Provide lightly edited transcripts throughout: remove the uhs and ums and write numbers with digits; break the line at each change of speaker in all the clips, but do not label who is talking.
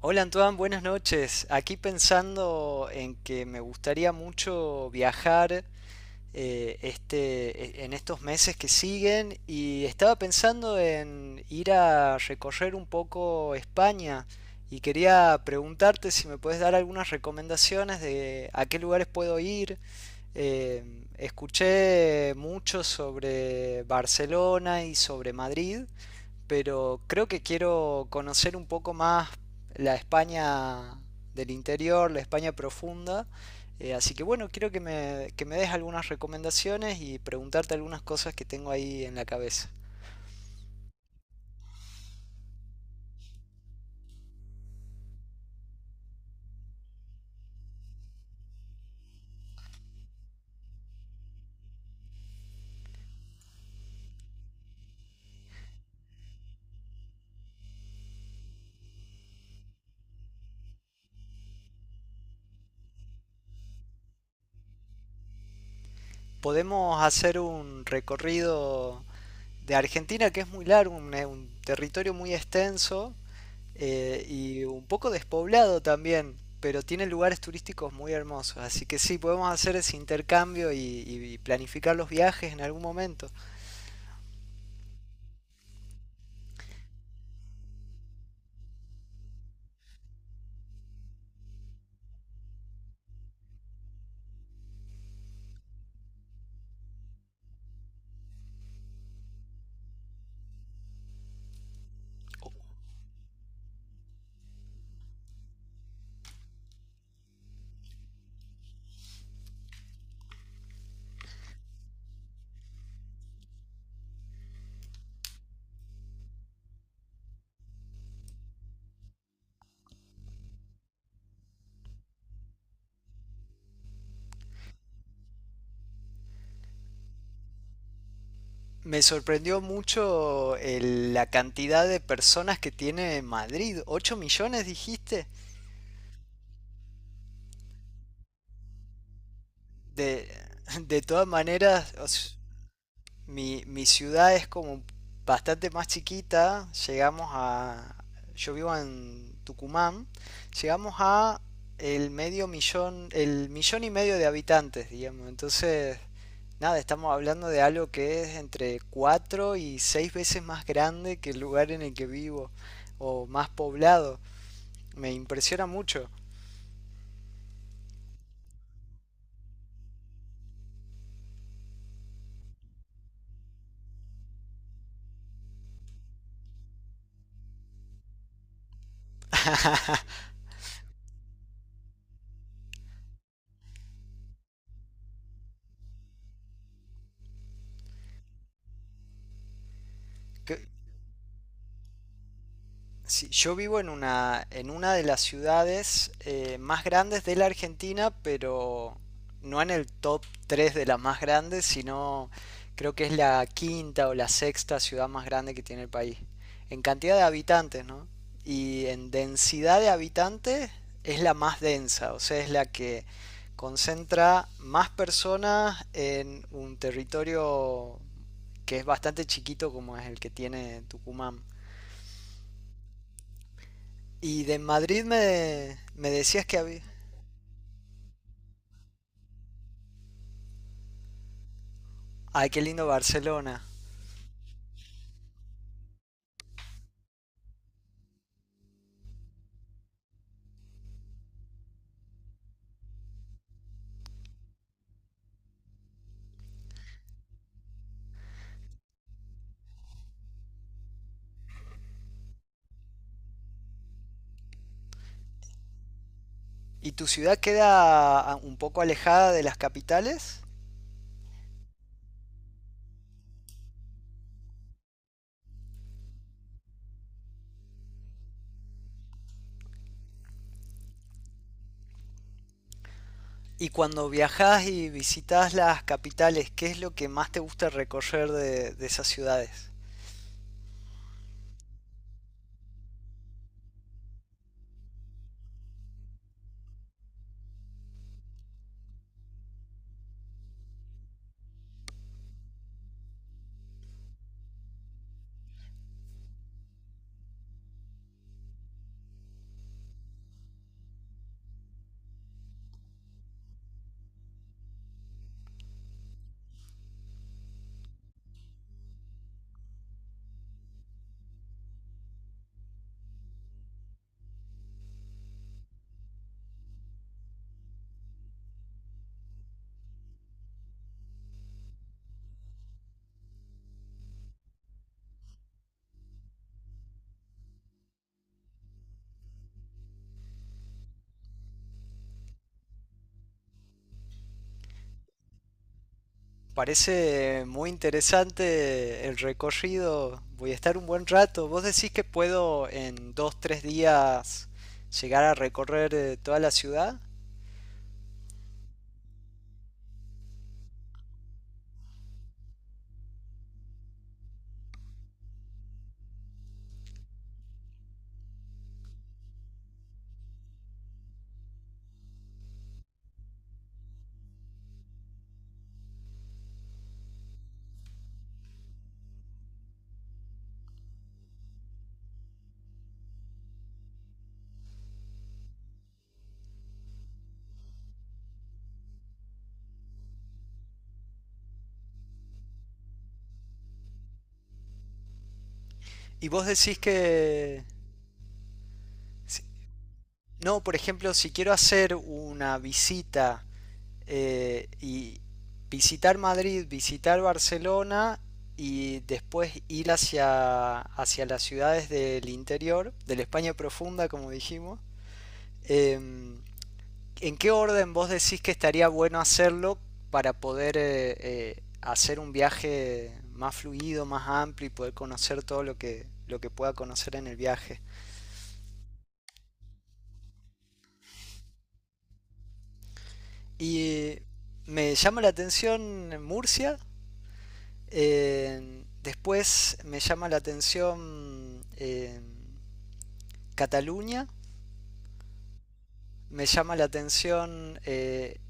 Hola Antoine, buenas noches. Aquí pensando en que me gustaría mucho viajar en estos meses que siguen y estaba pensando en ir a recorrer un poco España y quería preguntarte si me puedes dar algunas recomendaciones de a qué lugares puedo ir. Eh, Escuché mucho sobre Barcelona y sobre Madrid, pero creo que quiero conocer un poco más la España del interior, la España profunda. Así que bueno, quiero que me des algunas recomendaciones y preguntarte algunas cosas que tengo ahí en la cabeza. Podemos hacer un recorrido de Argentina que es muy largo, un territorio muy extenso, y un poco despoblado también, pero tiene lugares turísticos muy hermosos. Así que sí, podemos hacer ese intercambio y planificar los viajes en algún momento. Me sorprendió mucho la cantidad de personas que tiene Madrid. ¿Ocho millones dijiste? De, de todas maneras, mi ciudad es como bastante más chiquita. Llegamos a... Yo vivo en Tucumán. Llegamos a el medio millón, el millón y medio de habitantes, digamos. Entonces, nada, estamos hablando de algo que es entre cuatro y seis veces más grande que el lugar en el que vivo o más poblado. Me impresiona mucho. Sí, yo vivo en una de las ciudades más grandes de la Argentina, pero no en el top 3 de las más grandes, sino creo que es la quinta o la sexta ciudad más grande que tiene el país. En cantidad de habitantes, ¿no? Y en densidad de habitantes es la más densa, o sea, es la que concentra más personas en un territorio que es bastante chiquito como es el que tiene Tucumán. Y de Madrid me decías que había... Ay, qué lindo Barcelona. ¿Y tu ciudad queda un poco alejada de las capitales? Y cuando viajas y visitas las capitales, ¿qué es lo que más te gusta recorrer de esas ciudades? Parece muy interesante el recorrido. Voy a estar un buen rato. ¿Vos decís que puedo en dos, tres días llegar a recorrer toda la ciudad? ¿Y vos decís que si- no, por ejemplo, si quiero hacer una visita y visitar Madrid, visitar Barcelona y después ir hacia, hacia las ciudades del interior, de la España profunda, como dijimos, em, ¿en qué orden vos decís que estaría bueno hacerlo para poder hacer un viaje más fluido, más amplio y poder conocer todo lo que pueda conocer en el viaje? Y me llama la atención Murcia. Después me llama la atención Cataluña, me llama la atención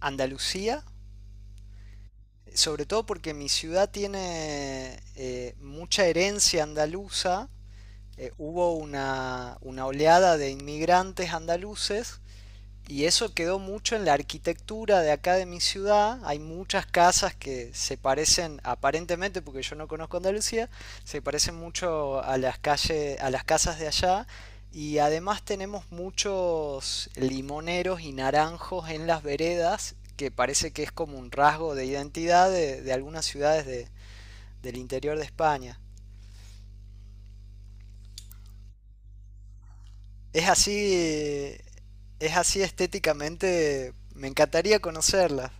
Andalucía, sobre todo porque mi ciudad tiene mucha herencia andaluza. Hubo una oleada de inmigrantes andaluces. Y eso quedó mucho en la arquitectura de acá de mi ciudad. Hay muchas casas que se parecen, aparentemente, porque yo no conozco Andalucía, se parecen mucho a las calles, a las casas de allá. Y además tenemos muchos limoneros y naranjos en las veredas, que parece que es como un rasgo de identidad de algunas ciudades del interior de España. Es así, es así estéticamente, me encantaría conocerlas.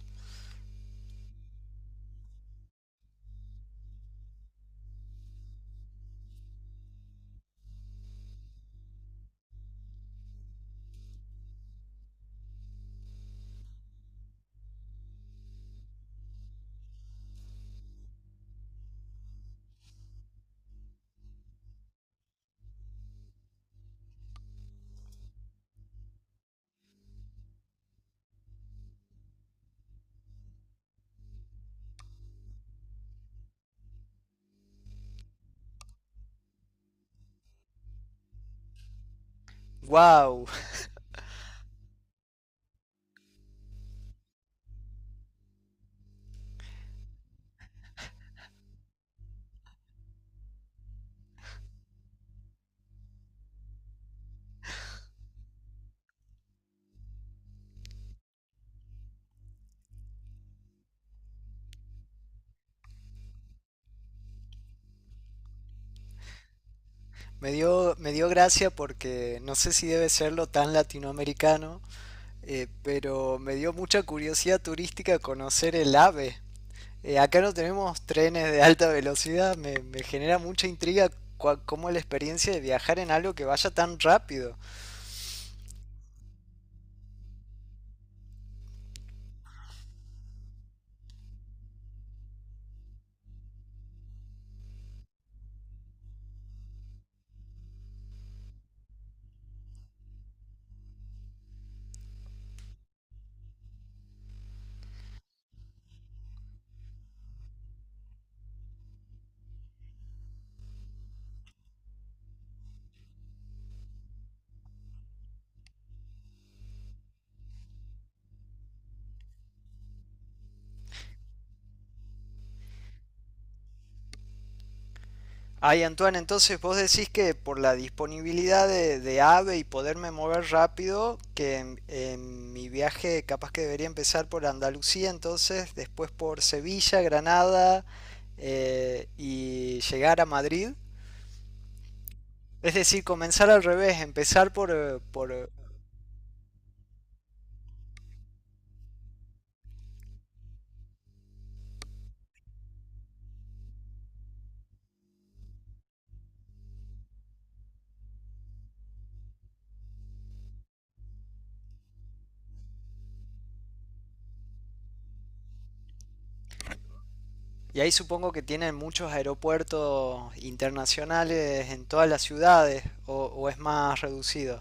¡Wow! Me dio gracia porque no sé si debe serlo tan latinoamericano, pero me dio mucha curiosidad turística conocer el AVE. Acá no tenemos trenes de alta velocidad, me genera mucha intriga cómo es la experiencia de viajar en algo que vaya tan rápido. Ay, Antoine, entonces vos decís que por la disponibilidad de AVE y poderme mover rápido, que en mi viaje capaz que debería empezar por Andalucía, entonces después por Sevilla, Granada, y llegar a Madrid. Es decir, comenzar al revés, empezar por, y ahí supongo que tienen muchos aeropuertos internacionales en todas las ciudades, o es más reducido.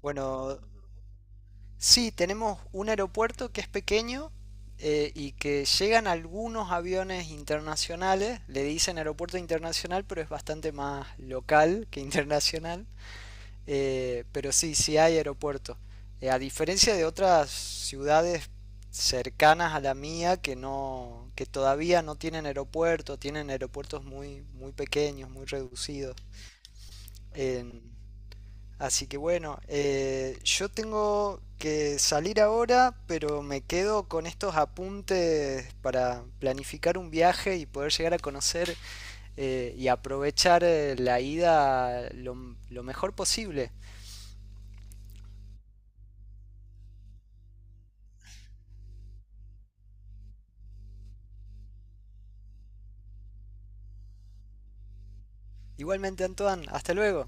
Bueno, sí, tenemos un aeropuerto que es pequeño y que llegan algunos aviones internacionales, le dicen aeropuerto internacional, pero es bastante más local que internacional. Pero sí, sí hay aeropuerto. A diferencia de otras ciudades cercanas a la mía que no, que todavía no tienen aeropuerto, tienen aeropuertos muy, muy pequeños, muy reducidos. En, Así que bueno, yo tengo que salir ahora, pero me quedo con estos apuntes para planificar un viaje y poder llegar a conocer y aprovechar la ida lo mejor posible. Igualmente, Antoine, hasta luego.